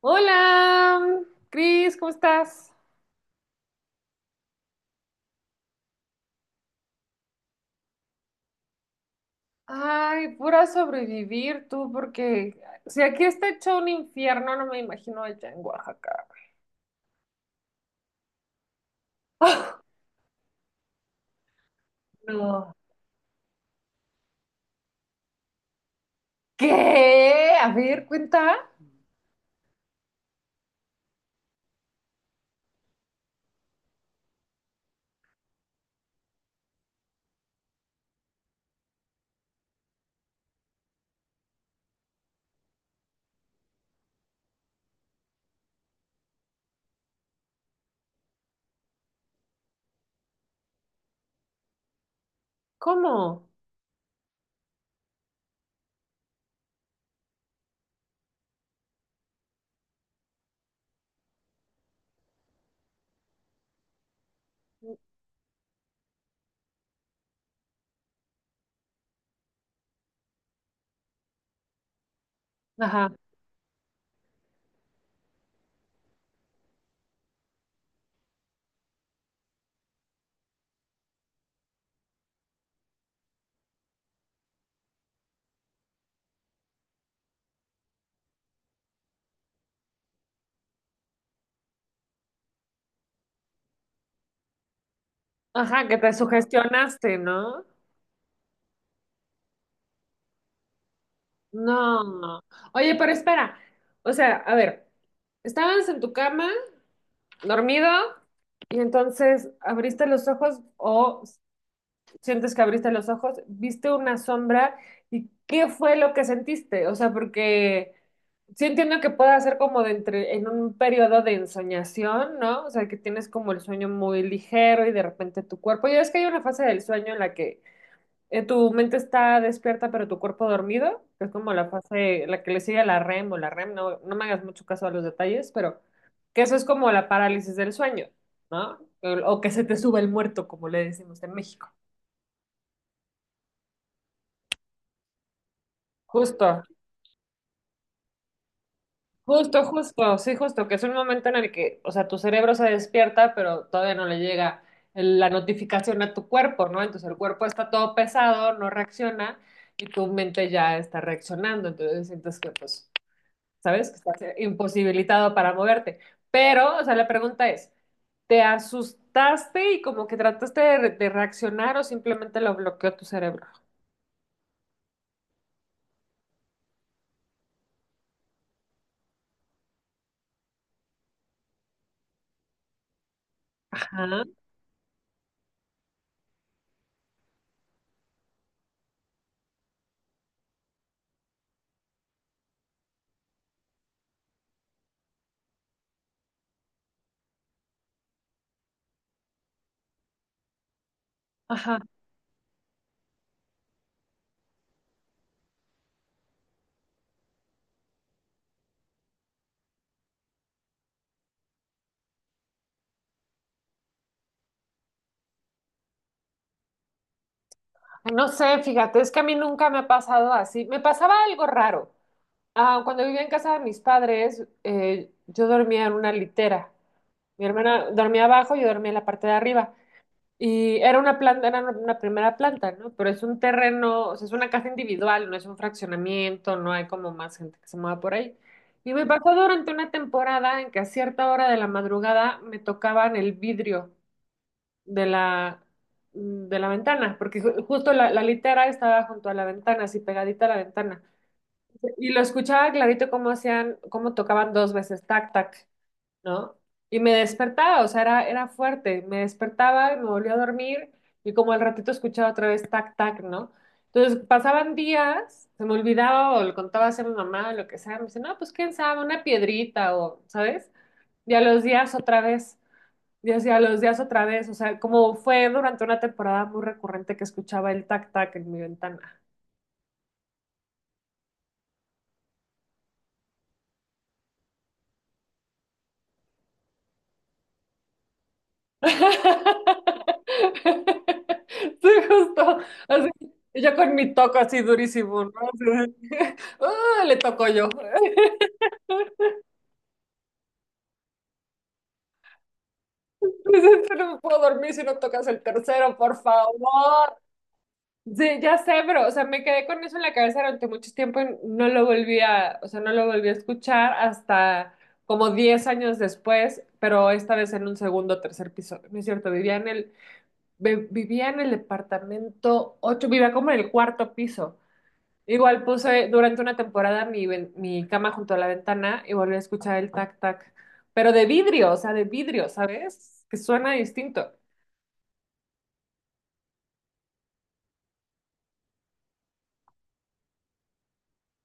Hola, Cris, ¿cómo estás? Ay, pura sobrevivir tú, porque si aquí está hecho un infierno, no me imagino allá en Oaxaca. Ah, no. ¿Qué? A ver, cuenta. ¿Cómo? Ajá, ajá, que te sugestionaste, ¿no? No. Oye, pero espera. O sea, a ver, estabas en tu cama, dormido, y entonces abriste los ojos o sientes que abriste los ojos, viste una sombra y ¿qué fue lo que sentiste? O sea, porque sí entiendo que pueda ser como de entre, en un periodo de ensoñación, ¿no? O sea, que tienes como el sueño muy ligero y de repente tu cuerpo, ya es que hay una fase del sueño en la que tu mente está despierta pero tu cuerpo dormido, que es como la fase, la que le sigue a la REM o la REM, no, no me hagas mucho caso a los detalles, pero que eso es como la parálisis del sueño, ¿no? O que se te sube el muerto, como le decimos en México. Justo. Justo, justo, sí, justo, que es un momento en el que, o sea, tu cerebro se despierta, pero todavía no le llega la notificación a tu cuerpo, ¿no? Entonces el cuerpo está todo pesado, no reacciona y tu mente ya está reaccionando, entonces sientes que, pues, ¿sabes? Que estás imposibilitado para moverte. Pero, o sea, la pregunta es, ¿te asustaste y como que trataste de, de reaccionar o simplemente lo bloqueó tu cerebro? Ajá, ajá. No sé, fíjate, es que a mí nunca me ha pasado así. Me pasaba algo raro. Ah, cuando vivía en casa de mis padres, yo dormía en una litera. Mi hermana dormía abajo, yo dormía en la parte de arriba. Y era una planta, era una primera planta, ¿no? Pero es un terreno, o sea, es una casa individual, no es un fraccionamiento, no hay como más gente que se mueva por ahí. Y me pasó durante una temporada en que a cierta hora de la madrugada me tocaban el vidrio de la, de la ventana, porque justo la, la litera estaba junto a la ventana, así pegadita a la ventana. Y lo escuchaba clarito cómo hacían, cómo tocaban dos veces, tac, tac, ¿no? Y me despertaba, o sea, era, era fuerte. Me despertaba, me volvía a dormir y como al ratito escuchaba otra vez tac, tac, ¿no? Entonces pasaban días, se me olvidaba o le contaba así a mi mamá o lo que sea. Me dice, no, pues quién sabe, una piedrita o, ¿sabes? Y a los días otra vez, y así a los días otra vez, o sea, como fue durante una temporada muy recurrente que escuchaba el tac, tac en mi ventana. Sí, justo. Así, yo con mi toco así durísimo, ¿no? Así de, ¡ah! Le toco yo. Dices, "Yo no me puedo dormir si no tocas el tercero, por favor." Sí, ya sé, pero, o sea, me quedé con eso en la cabeza durante mucho tiempo y no lo volví a, o sea, no lo volví a escuchar hasta como 10 años después, pero esta vez en un segundo o tercer piso. No es cierto, vivía en el, vivía en el departamento 8, vivía como en el cuarto piso. Igual puse durante una temporada mi, mi cama junto a la ventana y volví a escuchar el tac tac, pero de vidrio, o sea, de vidrio, ¿sabes? Que suena distinto.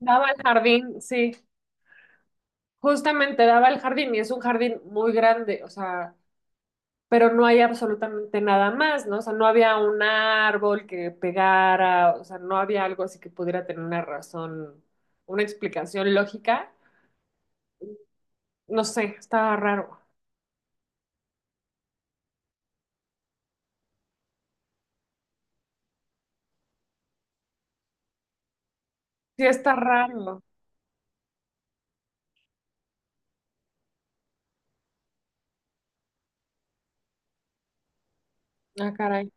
Daba al jardín, sí, justamente daba al jardín y es un jardín muy grande, o sea, pero no hay absolutamente nada más, ¿no? O sea, no había un árbol que pegara, o sea, no había algo así que pudiera tener una razón, una explicación lógica. No sé, estaba raro. Sí, está raro. Ah, caray.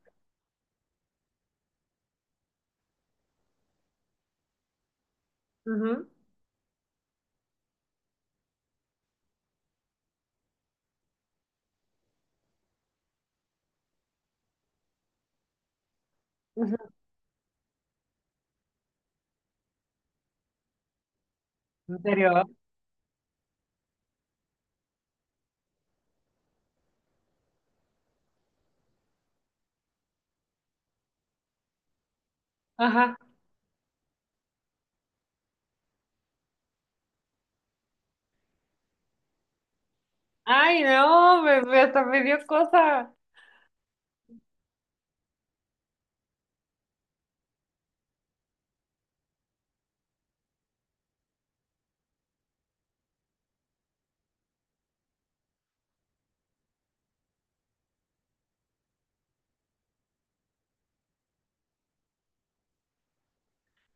Ujú, ujú. ¿En serio? Ajá. Ay, no, me, hasta me dio cosa.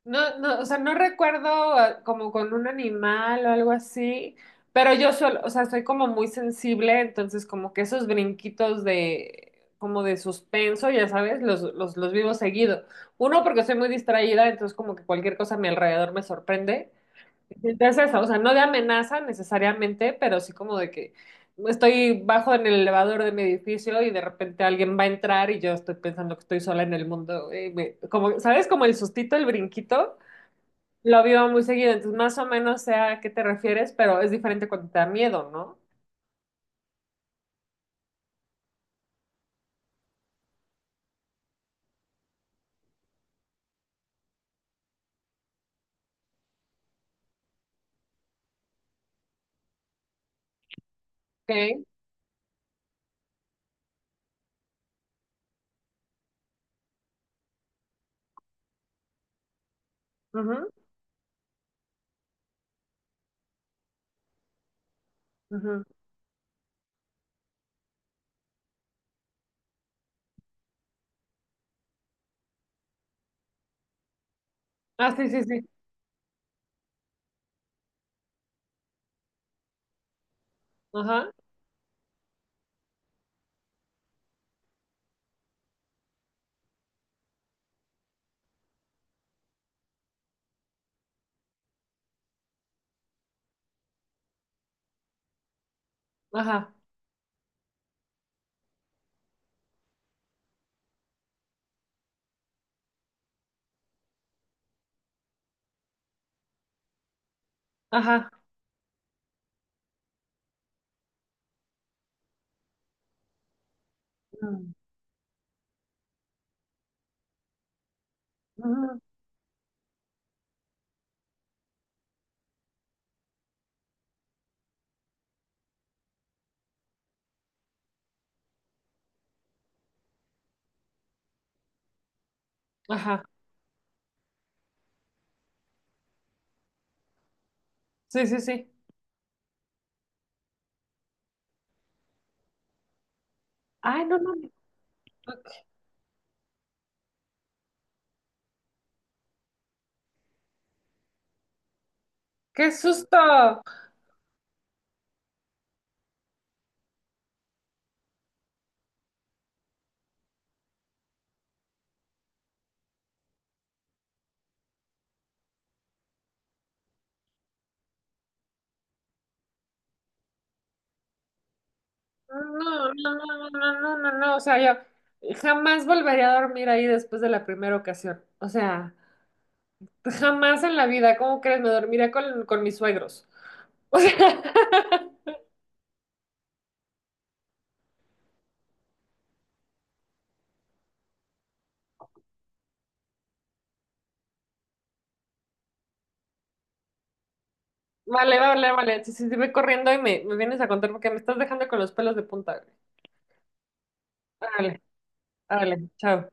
No, no, o sea, no recuerdo ah, como con un animal o algo así, pero yo solo, o sea, soy como muy sensible, entonces como que esos brinquitos de, como de suspenso, ya sabes, los vivo seguido. Uno, porque soy muy distraída, entonces como que cualquier cosa a mi alrededor me sorprende. Es eso, o sea, no de amenaza necesariamente, pero sí como de que estoy bajo en el elevador de mi edificio y de repente alguien va a entrar y yo estoy pensando que estoy sola en el mundo. Como, ¿sabes? Como el sustito, el brinquito, lo vivo muy seguido. Entonces, más o menos sé a qué te refieres, pero es diferente cuando te da miedo, ¿no? Ok. Ujú, ujú. Ah, sí, sí, sí. Ajá, ajá, ajá. Mm, ujú. Ajá. Sí, sí, sí. Ay, no mames. ¡Qué susto! No, no, no, no, no, no, no, no, o sea, yo jamás volvería a dormir ahí después de la primera ocasión. O sea, jamás en la vida, ¿cómo crees? Me dormiría con mis suegros. O sea, vale, vale, vale. Si, si, si voy corriendo y me vienes a contar porque me estás dejando con los pelos de punta, güey. Órale, órale, chao.